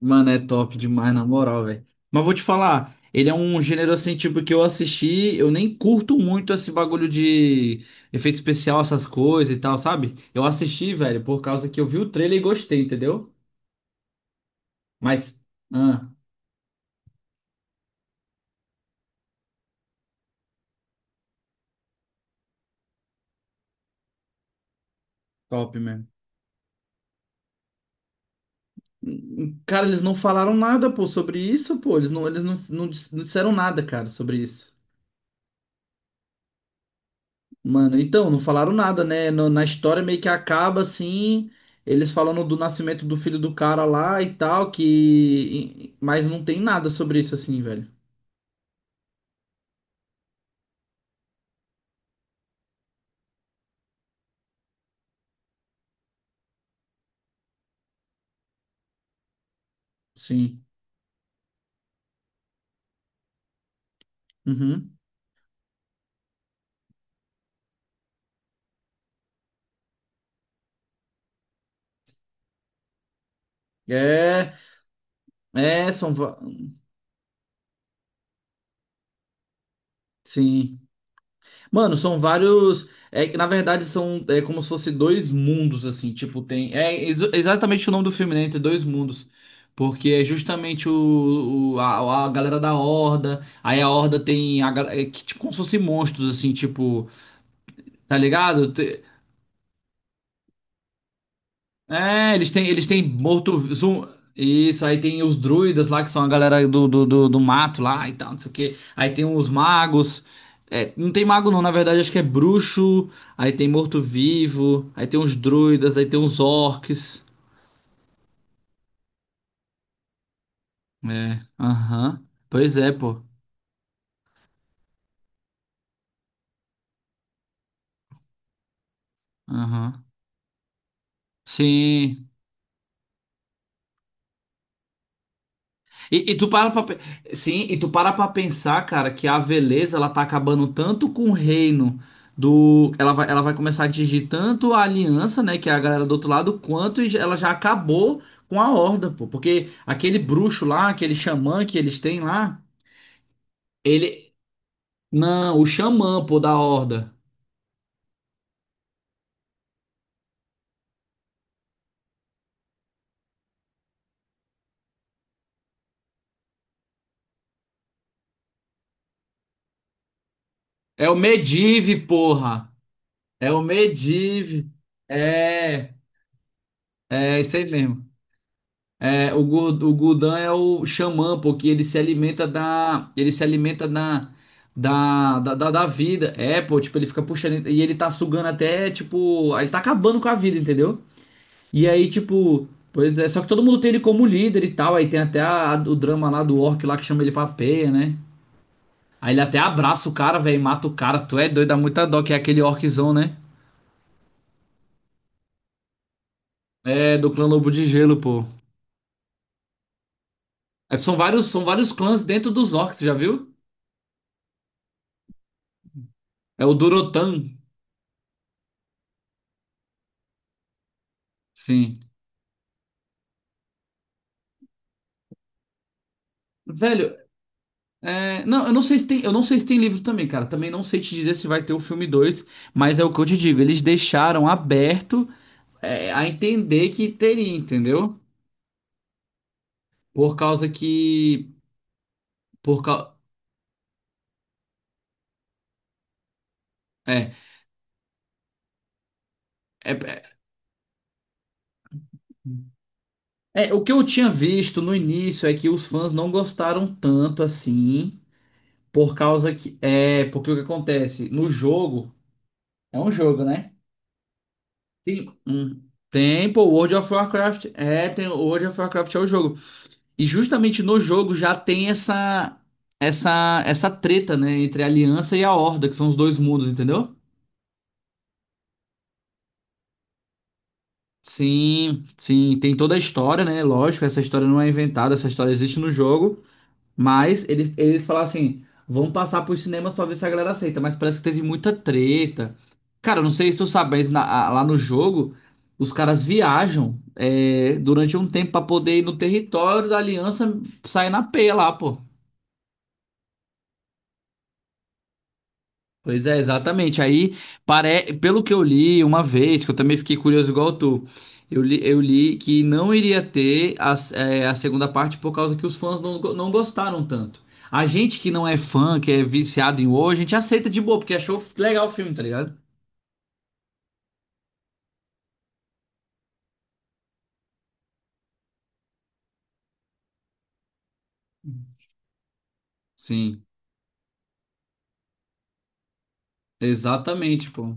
Mano, é top demais, na moral, velho. Mas vou te falar, ele é um gênero assim, tipo, que eu assisti, eu nem curto muito esse bagulho de efeito especial, essas coisas e tal, sabe? Eu assisti, velho, por causa que eu vi o trailer e gostei, entendeu? Mas, ah, Top mesmo. Cara, eles não falaram nada, pô, sobre isso, pô. Eles não, não não disseram nada, cara, sobre isso. Mano, então, não falaram nada, né? Na história meio que acaba assim, eles falando do nascimento do filho do cara lá e tal, que. Mas não tem nada sobre isso assim, velho. Sim. Uhum. É, é, são. Sim. Mano, são vários. É, que, na verdade, são, como se fosse dois mundos, assim. Tipo, tem. É exatamente o nome do filme, né? Entre dois mundos. Porque é justamente a galera da Horda. Aí a Horda tem. Que, tipo, como se fossem monstros, assim, tipo. Tá ligado? É, eles têm morto. Isso, aí tem os druidas lá, que são a galera do mato lá e tal, não sei o quê. Aí tem os magos. É, não tem mago não, na verdade, acho que é bruxo. Aí tem morto-vivo. Aí tem os druidas, aí tem os orcs. É, aham. Pois é, pô. Aham. Sim. E tu para pra, pe- Sim, e tu para pra pensar, cara, que a Veleza ela tá acabando tanto com o reino ela vai, começar a atingir tanto a aliança, né, que é a galera do outro lado, quanto ela já acabou com a Horda, pô, porque aquele bruxo lá, aquele xamã que eles têm lá, ele, não, o xamã, pô, da Horda, é o Medivh, porra, é o Medivh, é, é isso aí mesmo. O Gurdan é o xamã, porque ele se alimenta da. Ele se alimenta da. Da vida. É, pô, tipo, ele fica puxando. E ele tá sugando até, tipo. Ele tá acabando com a vida, entendeu? E aí, tipo. Pois é, só que todo mundo tem ele como líder e tal. Aí tem até o drama lá do Orc lá que chama ele pra peia, né? Aí ele até abraça o cara, velho, e mata o cara. Tu é doido, dá muita dó, que é aquele orczão, né? É, do clã Lobo de Gelo, pô. É, são vários clãs dentro dos orcs, já viu? É o Durotan, sim. Velho, não, eu não sei se tem, eu não sei se tem livro também, cara. Também não sei te dizer se vai ter o filme dois, mas é o que eu te digo, eles deixaram aberto, a entender que teria, entendeu? Por causa que, por cau- é, é, é, é, O que eu tinha visto no início é que os fãs não gostaram tanto assim, por causa que, porque o que acontece no jogo, é um jogo, né? Tem, um, Tem, pô, World of Warcraft, o World of Warcraft é o jogo. E justamente no jogo já tem essa essa treta, né, entre a Aliança e a Horda, que são os dois mundos, entendeu? Sim, sim, tem toda a história, né? Lógico, essa história não é inventada, essa história existe no jogo, mas eles falaram assim, vamos passar pros cinemas pra ver se a galera aceita, mas parece que teve muita treta. Cara, eu não sei se tu sabe, mas lá no jogo os caras viajam, durante um tempo pra poder ir no território da Aliança sair na P lá, pô. Pois é, exatamente. Aí, pelo que eu li uma vez, que eu também fiquei curioso igual tu, eu li que não iria ter a, a segunda parte por causa que os fãs não, não gostaram tanto. A gente que não é fã, que é viciado em horror, a gente aceita de boa, porque achou legal o filme, tá ligado? Sim, exatamente, pô.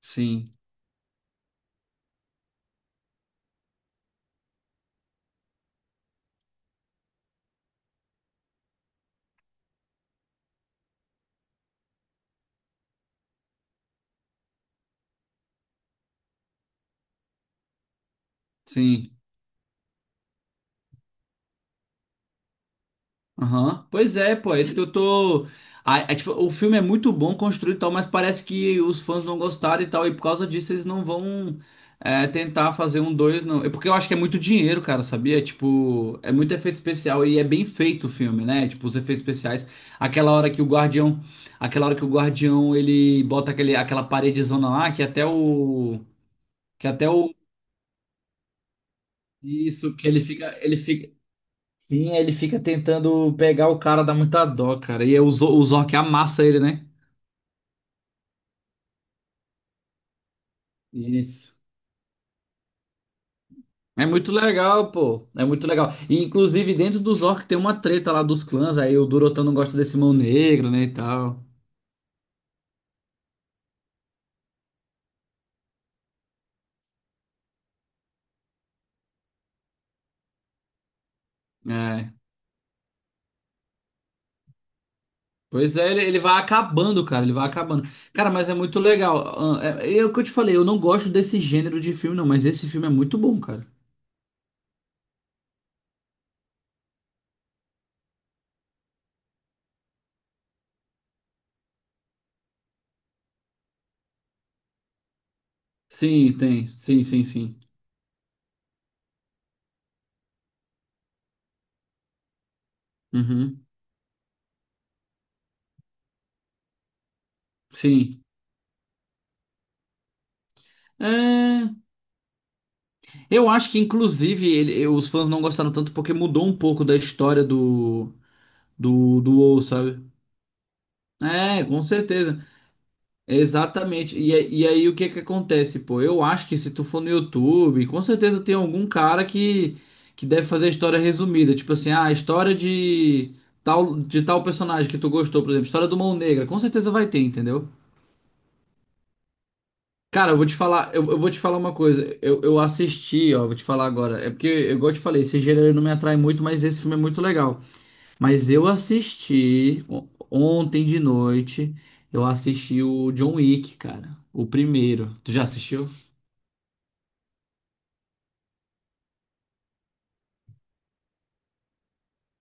Sim, sim. Aham. Pois é, pô, é isso que eu tô. Ah, é, tipo, o filme é muito bom construído e tal, mas parece que os fãs não gostaram e tal, e por causa disso eles não vão, tentar fazer um dois não. É porque eu acho que é muito dinheiro, cara, sabia? Tipo, é muito efeito especial e é bem feito o filme, né? Tipo, os efeitos especiais. Aquela hora que o guardião. Aquela hora que o guardião ele bota aquele, aquela paredezona lá, que até o. Que até o. Isso, que ele fica, sim, ele fica tentando pegar o cara, dá muita dó, cara. E é o o Zork amassa ele, né? Isso. É muito legal, pô. É muito legal. E, inclusive, dentro do Zork tem uma treta lá dos clãs. Aí o Durotan não gosta desse mão negra, né, e tal. É. Pois é, ele vai acabando, cara. Ele vai acabando. Cara, mas é muito legal. Ah, é o que eu te falei, eu não gosto desse gênero de filme, não. Mas esse filme é muito bom, cara. Sim, tem. Sim, sim, sim. Uhum. Sim. É. Eu acho que, inclusive, os fãs não gostaram tanto porque mudou um pouco da história do WoW, sabe? É, com certeza. Exatamente. E aí, o que que acontece, pô? Eu acho que se tu for no YouTube, com certeza tem algum cara que deve fazer a história resumida. Tipo assim, ah, a história de tal personagem que tu gostou, por exemplo, história do Mão Negra. Com certeza vai ter, entendeu? Cara, eu vou te falar, eu vou te falar uma coisa. Eu assisti, ó, vou te falar agora. É porque, igual eu te falei, esse gênero não me atrai muito, mas esse filme é muito legal. Mas eu assisti ontem de noite, eu assisti o John Wick, cara. O primeiro. Tu já assistiu?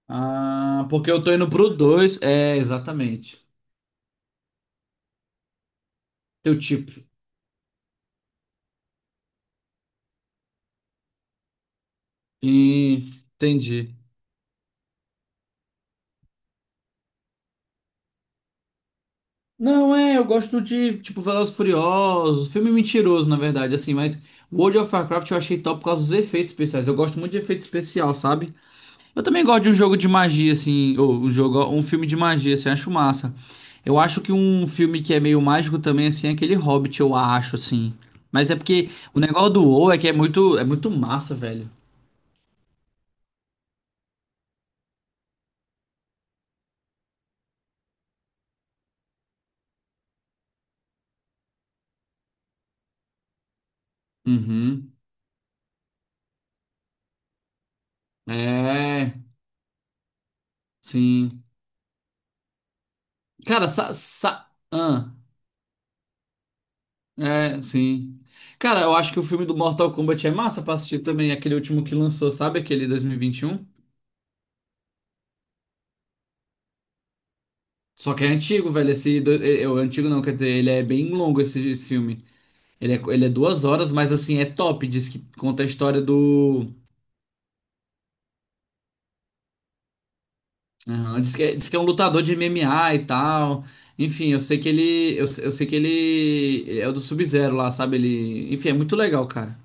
Ah, porque eu tô indo pro dois. É, exatamente. Teu tipo. Hum, entendi. Não, é, eu gosto de, tipo, Velozes e Furiosos, filme mentiroso, na verdade, assim, mas World of Warcraft eu achei top por causa dos efeitos especiais. Eu gosto muito de efeito especial, sabe? Eu também gosto de um jogo de magia, assim, ou um jogo, um filme de magia, assim, eu acho massa. Eu acho que um filme que é meio mágico também, assim, é aquele Hobbit, eu acho, assim. Mas é porque o negócio do WoW é que é muito massa, velho. Uhum. É, sim. Cara, sa, sa, ahn. É, sim. Cara, eu acho que o filme do Mortal Kombat é massa pra assistir também, aquele último que lançou, sabe? Aquele dois mil e vinte e um. Só que é antigo, velho. Esse, do- é, é, O antigo não, quer dizer, ele é bem longo esse, esse filme. Ele é 2 horas, mas assim, é top. Diz que conta a história do. Aham, diz que, diz que é um lutador de MMA e tal. Enfim, eu sei que ele. Eu sei que ele é o do Sub-Zero lá, sabe? Ele. Enfim, é muito legal, cara.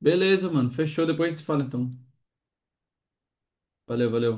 Beleza, mano. Fechou, depois a gente se fala então. Valeu, valeu.